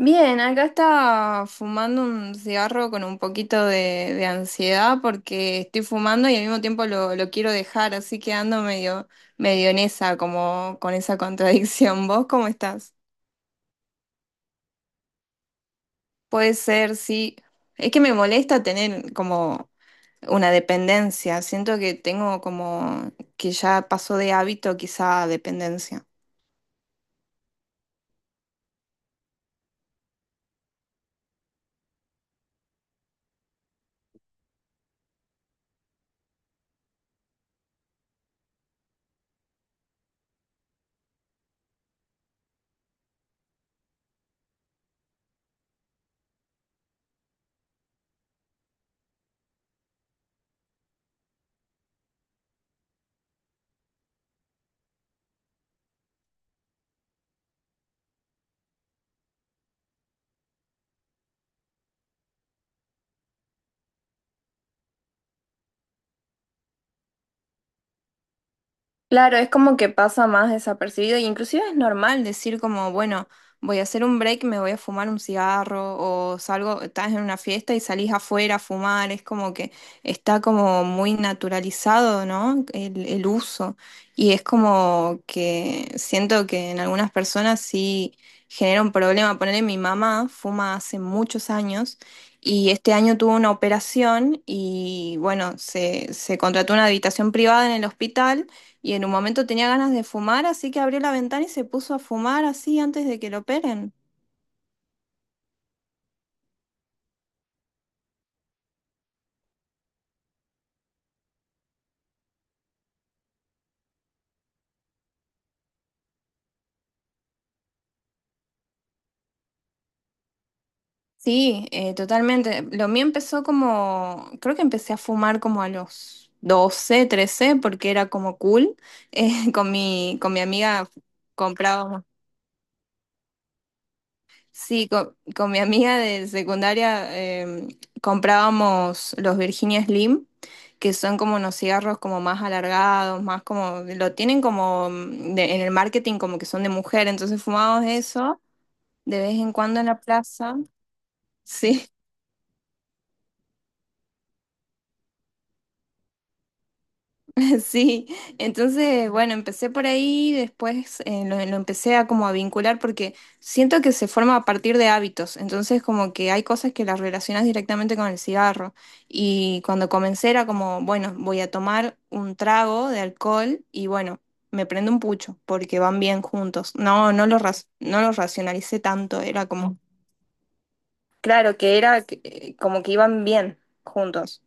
Bien, acá está fumando un cigarro con un poquito de ansiedad porque estoy fumando y al mismo tiempo lo quiero dejar, así que ando medio en esa, como con esa contradicción. ¿Vos cómo estás? Puede ser, sí. Es que me molesta tener como una dependencia. Siento que tengo como que ya pasó de hábito quizá a dependencia. Claro, es como que pasa más desapercibido, e inclusive es normal decir como, bueno, voy a hacer un break, me voy a fumar un cigarro, o salgo, estás en una fiesta y salís afuera a fumar, es como que está como muy naturalizado, ¿no? El uso. Y es como que siento que en algunas personas sí genera un problema. Ponerle mi mamá fuma hace muchos años. Y este año tuvo una operación y bueno, se contrató una habitación privada en el hospital y en un momento tenía ganas de fumar, así que abrió la ventana y se puso a fumar así antes de que lo operen. Sí, totalmente. Lo mío empezó como, creo que empecé a fumar como a los 12 13 porque era como cool. Con mi amiga comprábamos. Sí, con, mi amiga de secundaria comprábamos los Virginia Slim, que son como unos cigarros como más alargados, más como, lo tienen como en el marketing como que son de mujer, entonces fumábamos eso de vez en cuando en la plaza. Sí. Sí, entonces, bueno, empecé por ahí, después lo empecé a como a vincular porque siento que se forma a partir de hábitos, entonces como que hay cosas que las relacionas directamente con el cigarro y cuando comencé era como, bueno, voy a tomar un trago de alcohol y bueno, me prendo un pucho porque van bien juntos. No lo racionalicé tanto, era como, claro, que era como que iban bien juntos.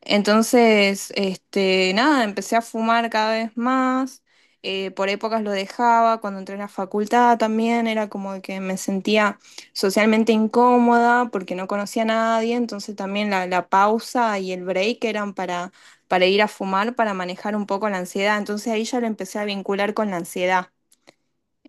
Entonces, este, nada, empecé a fumar cada vez más. Por épocas lo dejaba, cuando entré a la facultad también era como que me sentía socialmente incómoda porque no conocía a nadie, entonces también la pausa y el break eran para ir a fumar, para manejar un poco la ansiedad, entonces ahí ya lo empecé a vincular con la ansiedad.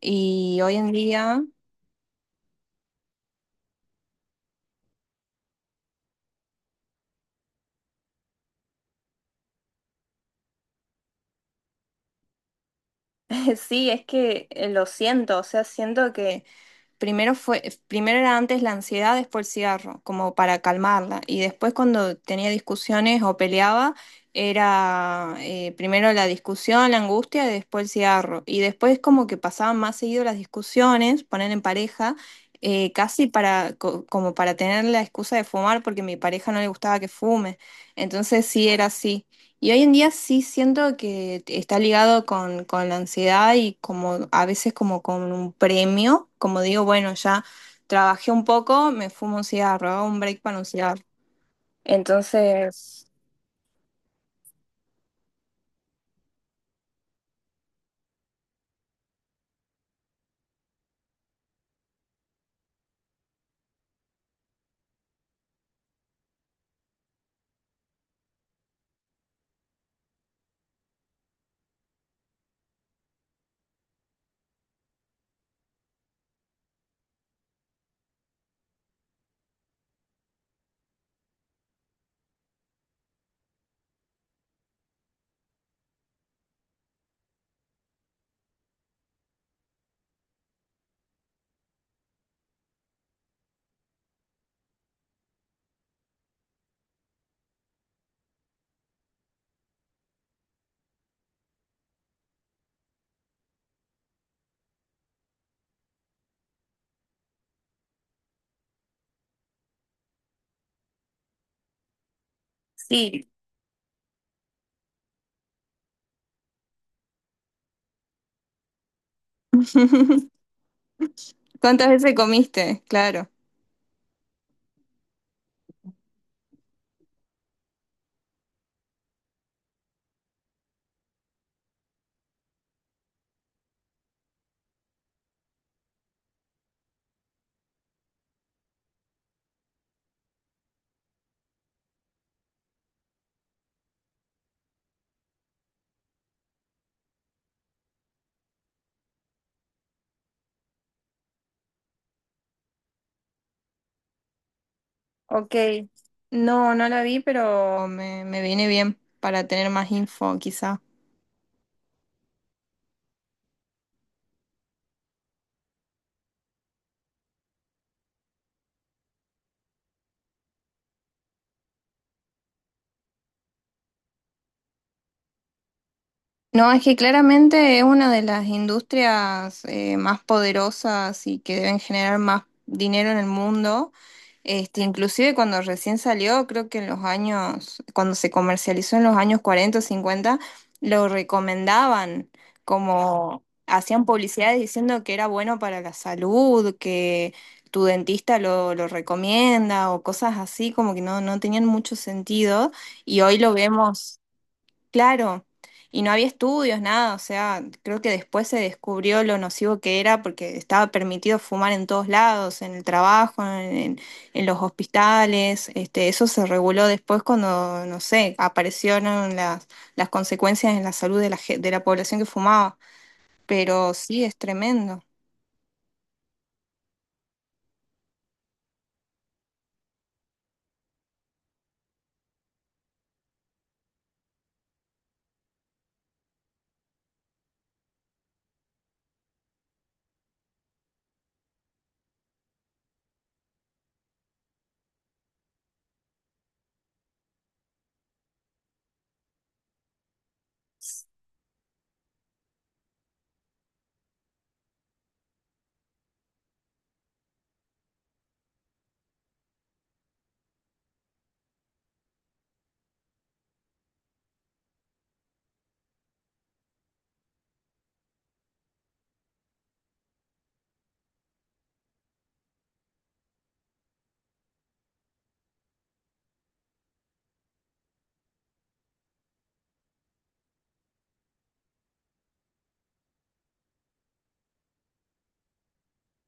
Y hoy en día, sí, es que lo siento, o sea, siento que... Primero fue, primero era antes la ansiedad, después el cigarro, como para calmarla. Y después cuando tenía discusiones o peleaba, era primero la discusión, la angustia, y después el cigarro. Y después como que pasaban más seguido las discusiones, poner en pareja, casi para, como para tener la excusa de fumar, porque a mi pareja no le gustaba que fume. Entonces sí era así. Y hoy en día sí siento que está ligado con la ansiedad y como a veces como con un premio, como digo, bueno, ya trabajé un poco, me fumo un cigarro, hago un break para un cigarro. Entonces, sí. ¿Cuántas veces comiste? Claro. Ok. No, no la vi, pero me viene bien para tener más info, quizá. No, es que claramente es una de las industrias más poderosas y que deben generar más dinero en el mundo. Este, inclusive cuando recién salió, creo que en los años, cuando se comercializó en los años 40, o 50, lo recomendaban, como hacían publicidades diciendo que era bueno para la salud, que tu dentista lo recomienda o cosas así, como que no, no tenían mucho sentido. Y hoy lo vemos. Claro, y no había estudios, nada, o sea, creo que después se descubrió lo nocivo que era porque estaba permitido fumar en todos lados, en el trabajo, en los hospitales, este, eso se reguló después cuando, no sé, aparecieron las consecuencias en la salud de la, de la población que fumaba, pero sí, es tremendo.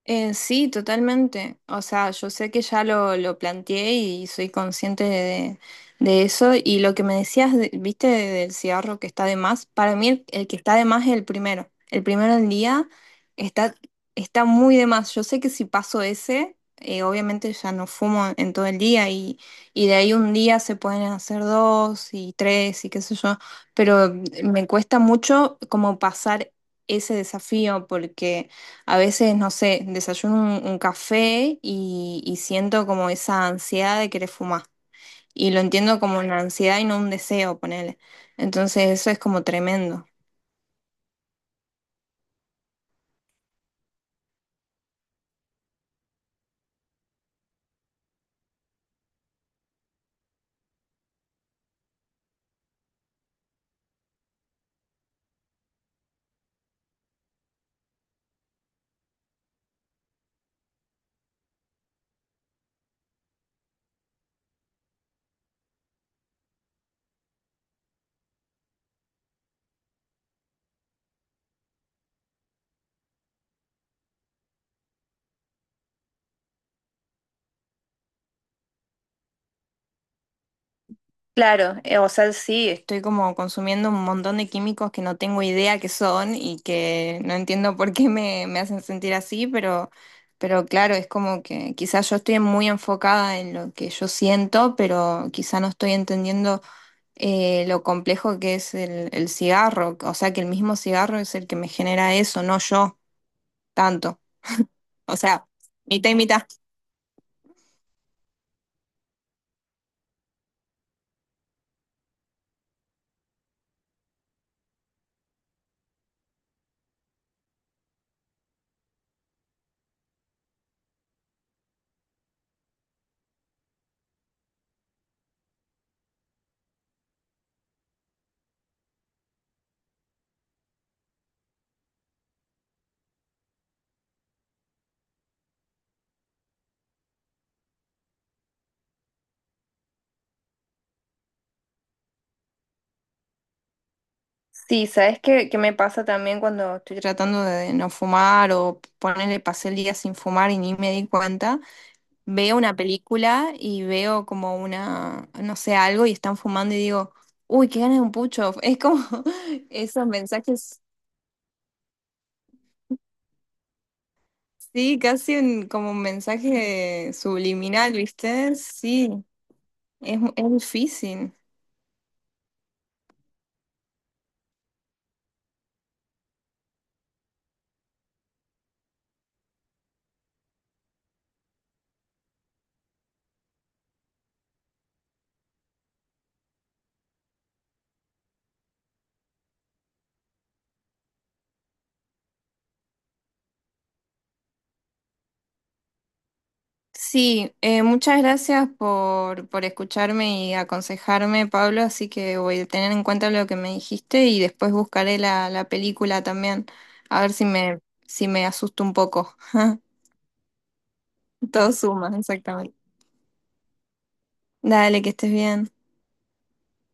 Sí, totalmente. O sea, yo sé que ya lo planteé y soy consciente de eso. Y lo que me decías, de- viste, del cigarro que está de más, para mí el que está de más es el primero. El primero del día está, está muy de más. Yo sé que si paso ese, obviamente ya no fumo en todo el día y de ahí un día se pueden hacer dos y tres y qué sé yo. Pero me cuesta mucho como pasar ese desafío porque... A veces, no sé, desayuno un café y siento como esa ansiedad de querer fumar. Y lo entiendo como una ansiedad y no un deseo, ponele. Entonces eso es como tremendo. Claro, o sea, sí, estoy como consumiendo un montón de químicos que no tengo idea qué son y que no entiendo por qué me hacen sentir así, pero claro, es como que quizás yo estoy muy enfocada en lo que yo siento, pero quizás no estoy entendiendo. Lo complejo que es el cigarro. O sea, que el mismo cigarro es el que me genera eso, no yo tanto. O sea, mitad y mitad. Sí, ¿sabes qué, qué me pasa también cuando estoy tratando de no fumar o ponerle pasé el día sin fumar y ni me di cuenta? Veo una película y veo como una, no sé, algo y están fumando y digo, uy, qué ganas de un pucho. Es como esos mensajes, sí, casi como un mensaje subliminal, ¿viste? Sí. Es, es difícil. Sí, muchas gracias por escucharme y aconsejarme, Pablo, así que voy a tener en cuenta lo que me dijiste y después buscaré la película también, a ver si me, si me asusto un poco. Todo suma, exactamente. Dale, que estés bien.